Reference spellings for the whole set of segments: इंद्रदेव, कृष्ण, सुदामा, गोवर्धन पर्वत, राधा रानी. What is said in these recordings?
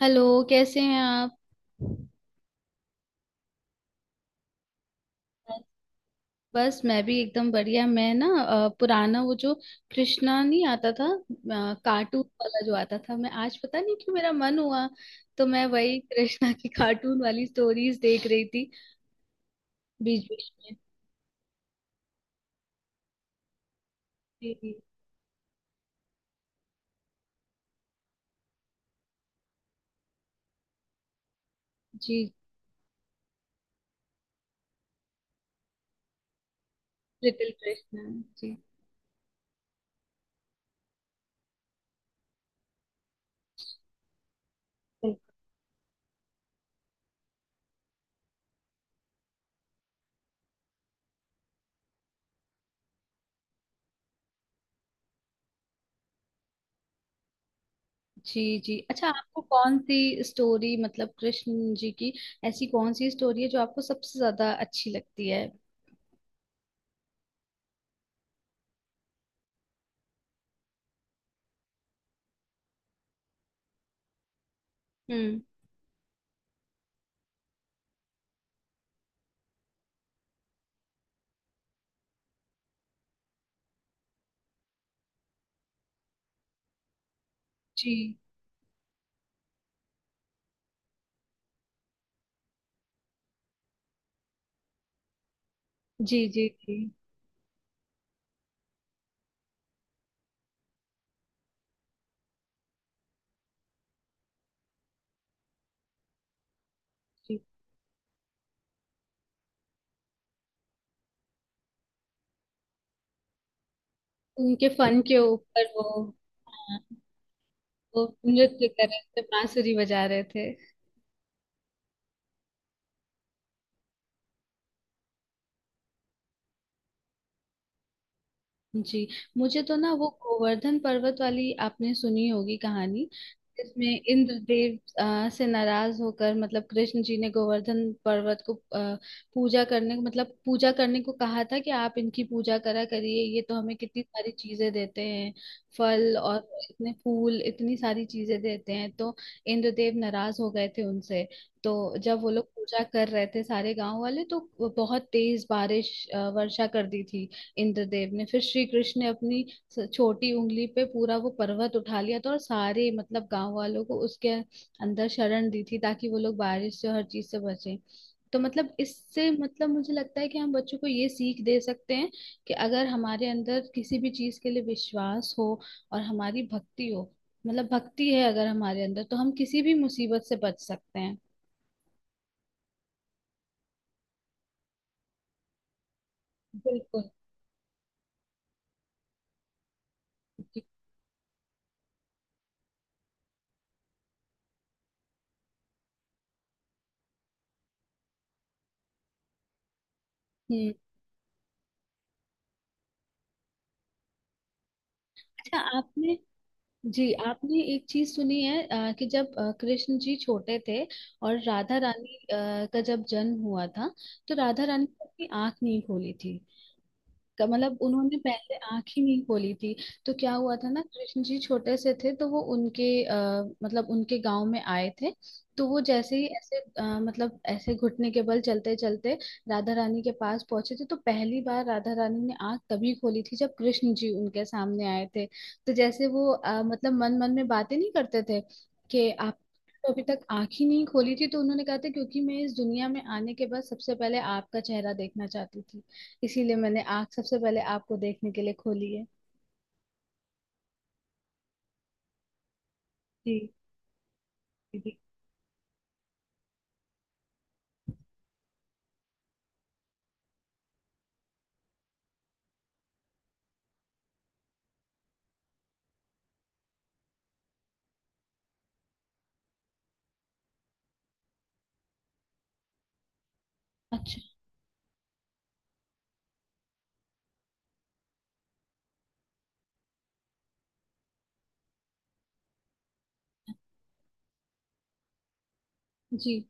Hello. कैसे हैं आप? बस मैं भी एकदम बढ़िया। मैं ना पुराना वो जो कृष्णा नहीं आता था कार्टून वाला जो आता था, मैं आज पता नहीं क्यों मेरा मन हुआ तो मैं वही कृष्णा की कार्टून वाली स्टोरीज देख रही थी। बीच बीच में जी। जी। लिटिल कृष्णा। जी जी जी। अच्छा, आपको कौन सी स्टोरी, मतलब कृष्ण जी की ऐसी कौन सी स्टोरी है जो आपको सबसे ज्यादा अच्छी लगती है? हम्म। जी जी जी जी जी। उनके फन के ऊपर वो, हाँ, वो नृत्य कर रहे थे, बांसुरी बजा रहे थे। जी। मुझे तो ना वो गोवर्धन पर्वत वाली, आपने सुनी होगी कहानी जिसमें इंद्रदेव से नाराज होकर, मतलब कृष्ण जी ने गोवर्धन पर्वत को पूजा करने, मतलब पूजा करने को कहा था कि आप इनकी पूजा करा करिए, ये तो हमें कितनी सारी चीजें देते हैं। फल और इतने फूल, इतनी सारी चीजें देते हैं, तो इंद्रदेव नाराज हो गए थे उनसे। तो जब वो लोग पूजा कर रहे थे सारे गांव वाले, तो बहुत तेज बारिश वर्षा कर दी थी इंद्रदेव ने। फिर श्री कृष्ण ने अपनी छोटी उंगली पे पूरा वो पर्वत उठा लिया था और सारे मतलब गांव वालों को उसके अंदर शरण दी थी, ताकि वो लोग बारिश से और हर चीज से बचें। तो मतलब इससे मतलब मुझे लगता है कि हम बच्चों को ये सीख दे सकते हैं कि अगर हमारे अंदर किसी भी चीज के लिए विश्वास हो और हमारी भक्ति हो, मतलब भक्ति है अगर हमारे अंदर, तो हम किसी भी मुसीबत से बच सकते हैं। बिल्कुल। हम्म। अच्छा, आपने, जी आपने एक चीज सुनी है कि जब कृष्ण जी छोटे थे और राधा रानी का जब जन्म हुआ था तो राधा रानी ने अपनी आंख नहीं खोली थी। का मतलब उन्होंने पहले आंख ही नहीं खोली थी। तो क्या हुआ था ना, कृष्ण जी छोटे से थे तो वो उनके मतलब उनके गांव में आए थे। तो वो जैसे ही ऐसे मतलब ऐसे घुटने के बल चलते चलते राधा रानी के पास पहुंचे थे, तो पहली बार राधा रानी ने आंख तभी खोली थी जब कृष्ण जी उनके सामने आए थे। तो जैसे वो मतलब मन मन में बातें नहीं करते थे कि आप, तो अभी तक आंख ही नहीं खोली थी तो उन्होंने कहा था क्योंकि मैं इस दुनिया में आने के बाद सबसे पहले आपका चेहरा देखना चाहती थी, इसीलिए मैंने आँख सबसे पहले आपको देखने के लिए खोली है। जी। जी। अच्छा। जी।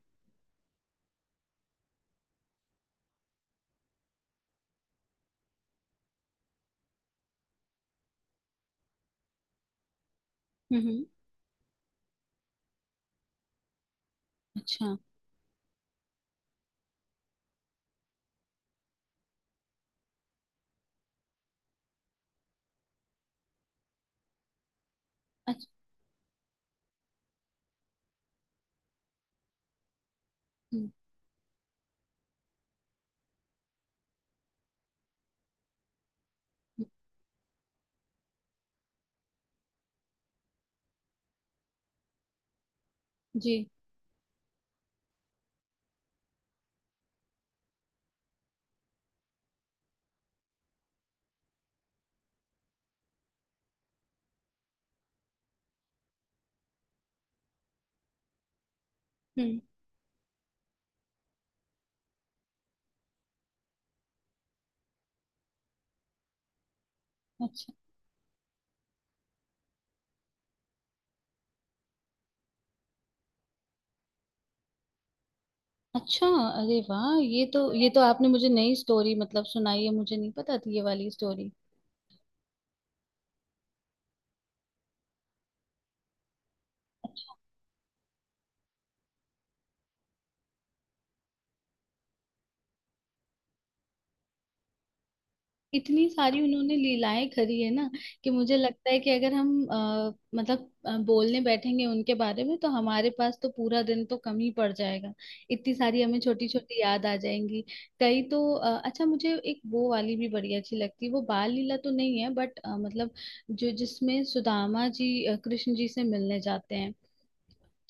हम्म हम्म, अच्छा। अच्छा। हम्म, हम्म, जी। हम्म। अच्छा। अच्छा। अरे वाह, ये तो, ये तो आपने मुझे नई स्टोरी मतलब सुनाई है, मुझे नहीं पता थी ये वाली स्टोरी। इतनी सारी उन्होंने लीलाएं करी है ना कि मुझे लगता है कि अगर हम मतलब बोलने बैठेंगे उनके बारे में, तो हमारे पास तो पूरा दिन तो कम ही पड़ जाएगा। इतनी सारी हमें छोटी छोटी याद आ जाएंगी। कई तो अच्छा, मुझे एक वो वाली भी बड़ी अच्छी लगती है, वो बाल लीला तो नहीं है बट मतलब जो जिसमें सुदामा जी कृष्ण जी से मिलने जाते हैं।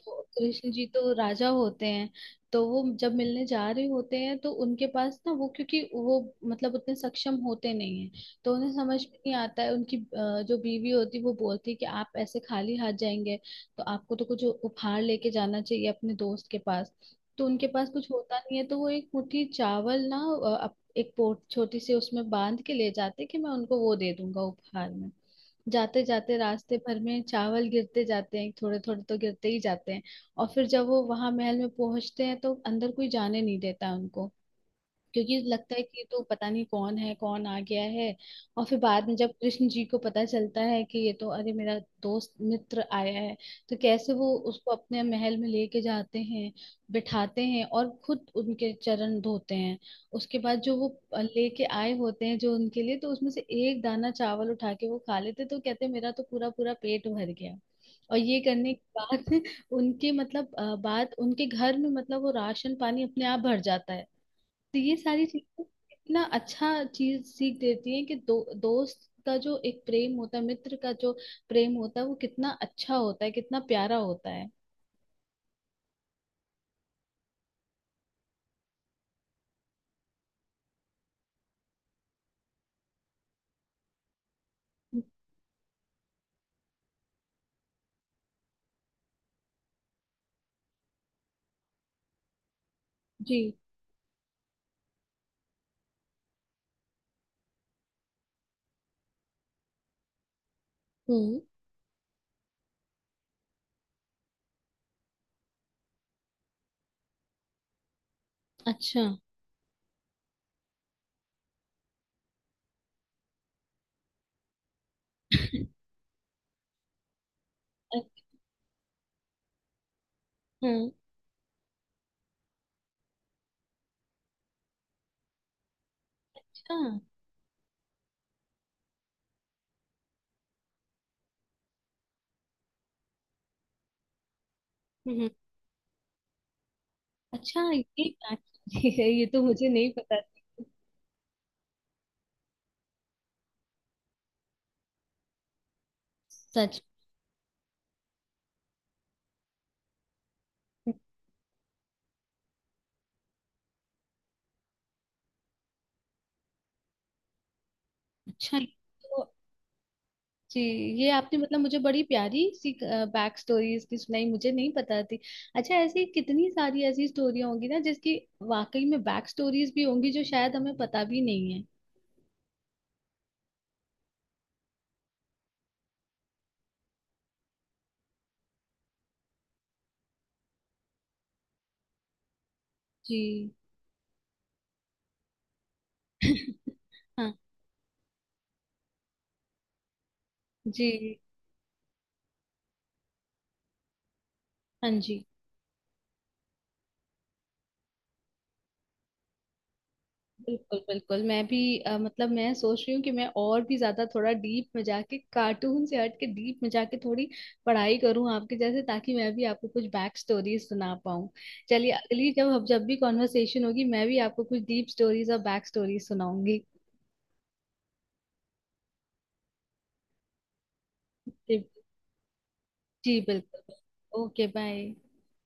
तो कृष्ण जी तो राजा होते हैं। तो वो जब मिलने जा रहे होते हैं तो उनके पास ना वो, क्योंकि वो मतलब उतने सक्षम होते नहीं हैं, तो उन्हें समझ में नहीं आता है। उनकी जो बीवी होती है वो बोलती है कि आप ऐसे खाली हाथ जाएंगे, तो आपको तो कुछ उपहार लेके जाना चाहिए अपने दोस्त के पास। तो उनके पास कुछ होता नहीं है, तो वो एक मुट्ठी चावल ना एक पोट छोटी सी उसमें बांध के ले जाते कि मैं उनको वो दे दूंगा उपहार में। जाते जाते रास्ते भर में चावल गिरते जाते हैं, थोड़े थोड़े तो गिरते ही जाते हैं। और फिर जब वो वहां महल में पहुंचते हैं तो अंदर कोई जाने नहीं देता उनको, क्योंकि लगता है कि ये तो पता नहीं कौन है, कौन आ गया है। और फिर बाद में जब कृष्ण जी को पता चलता है कि ये तो, अरे मेरा दोस्त मित्र आया है, तो कैसे वो उसको अपने महल में लेके जाते हैं, बिठाते हैं और खुद उनके चरण धोते हैं। उसके बाद जो वो लेके आए होते हैं जो उनके लिए, तो उसमें से एक दाना चावल उठा के वो खा लेते तो कहते मेरा तो पूरा पूरा पेट भर गया। और ये करने के बाद उनके मतलब बाद उनके घर में मतलब वो राशन पानी अपने आप भर जाता है। तो ये सारी चीजें इतना अच्छा चीज सीख देती है कि दोस्त का जो एक प्रेम होता है, मित्र का जो प्रेम होता है, वो कितना अच्छा होता है, कितना प्यारा होता है। जी। हम्म। अच्छा। हम्म। अच्छा। हम्म। अच्छा ये बात है, ये तो मुझे नहीं पता थी। सच? अच्छा ये तो। जी। ये आपने मतलब मुझे बड़ी प्यारी सी बैक स्टोरी इसकी सुनाई, मुझे नहीं पता थी। अच्छा, ऐसी कितनी सारी ऐसी स्टोरी होंगी ना जिसकी वाकई में बैक स्टोरीज भी होंगी जो शायद हमें पता भी नहीं है। जी। हाँ। जी। हाँ जी। बिल्कुल बिल्कुल। मैं भी मतलब मैं सोच रही हूँ कि मैं और भी ज्यादा थोड़ा डीप में जाके, कार्टून से हट के डीप में जाके थोड़ी पढ़ाई करूँ आपके जैसे, ताकि मैं भी आपको कुछ बैक स्टोरीज सुना पाऊँ। चलिए, अगली जब हम जब भी कॉन्वर्सेशन होगी, मैं भी आपको कुछ डीप स्टोरीज और बैक स्टोरीज सुनाऊंगी। जी। जी, बिल्कुल। Okay bye.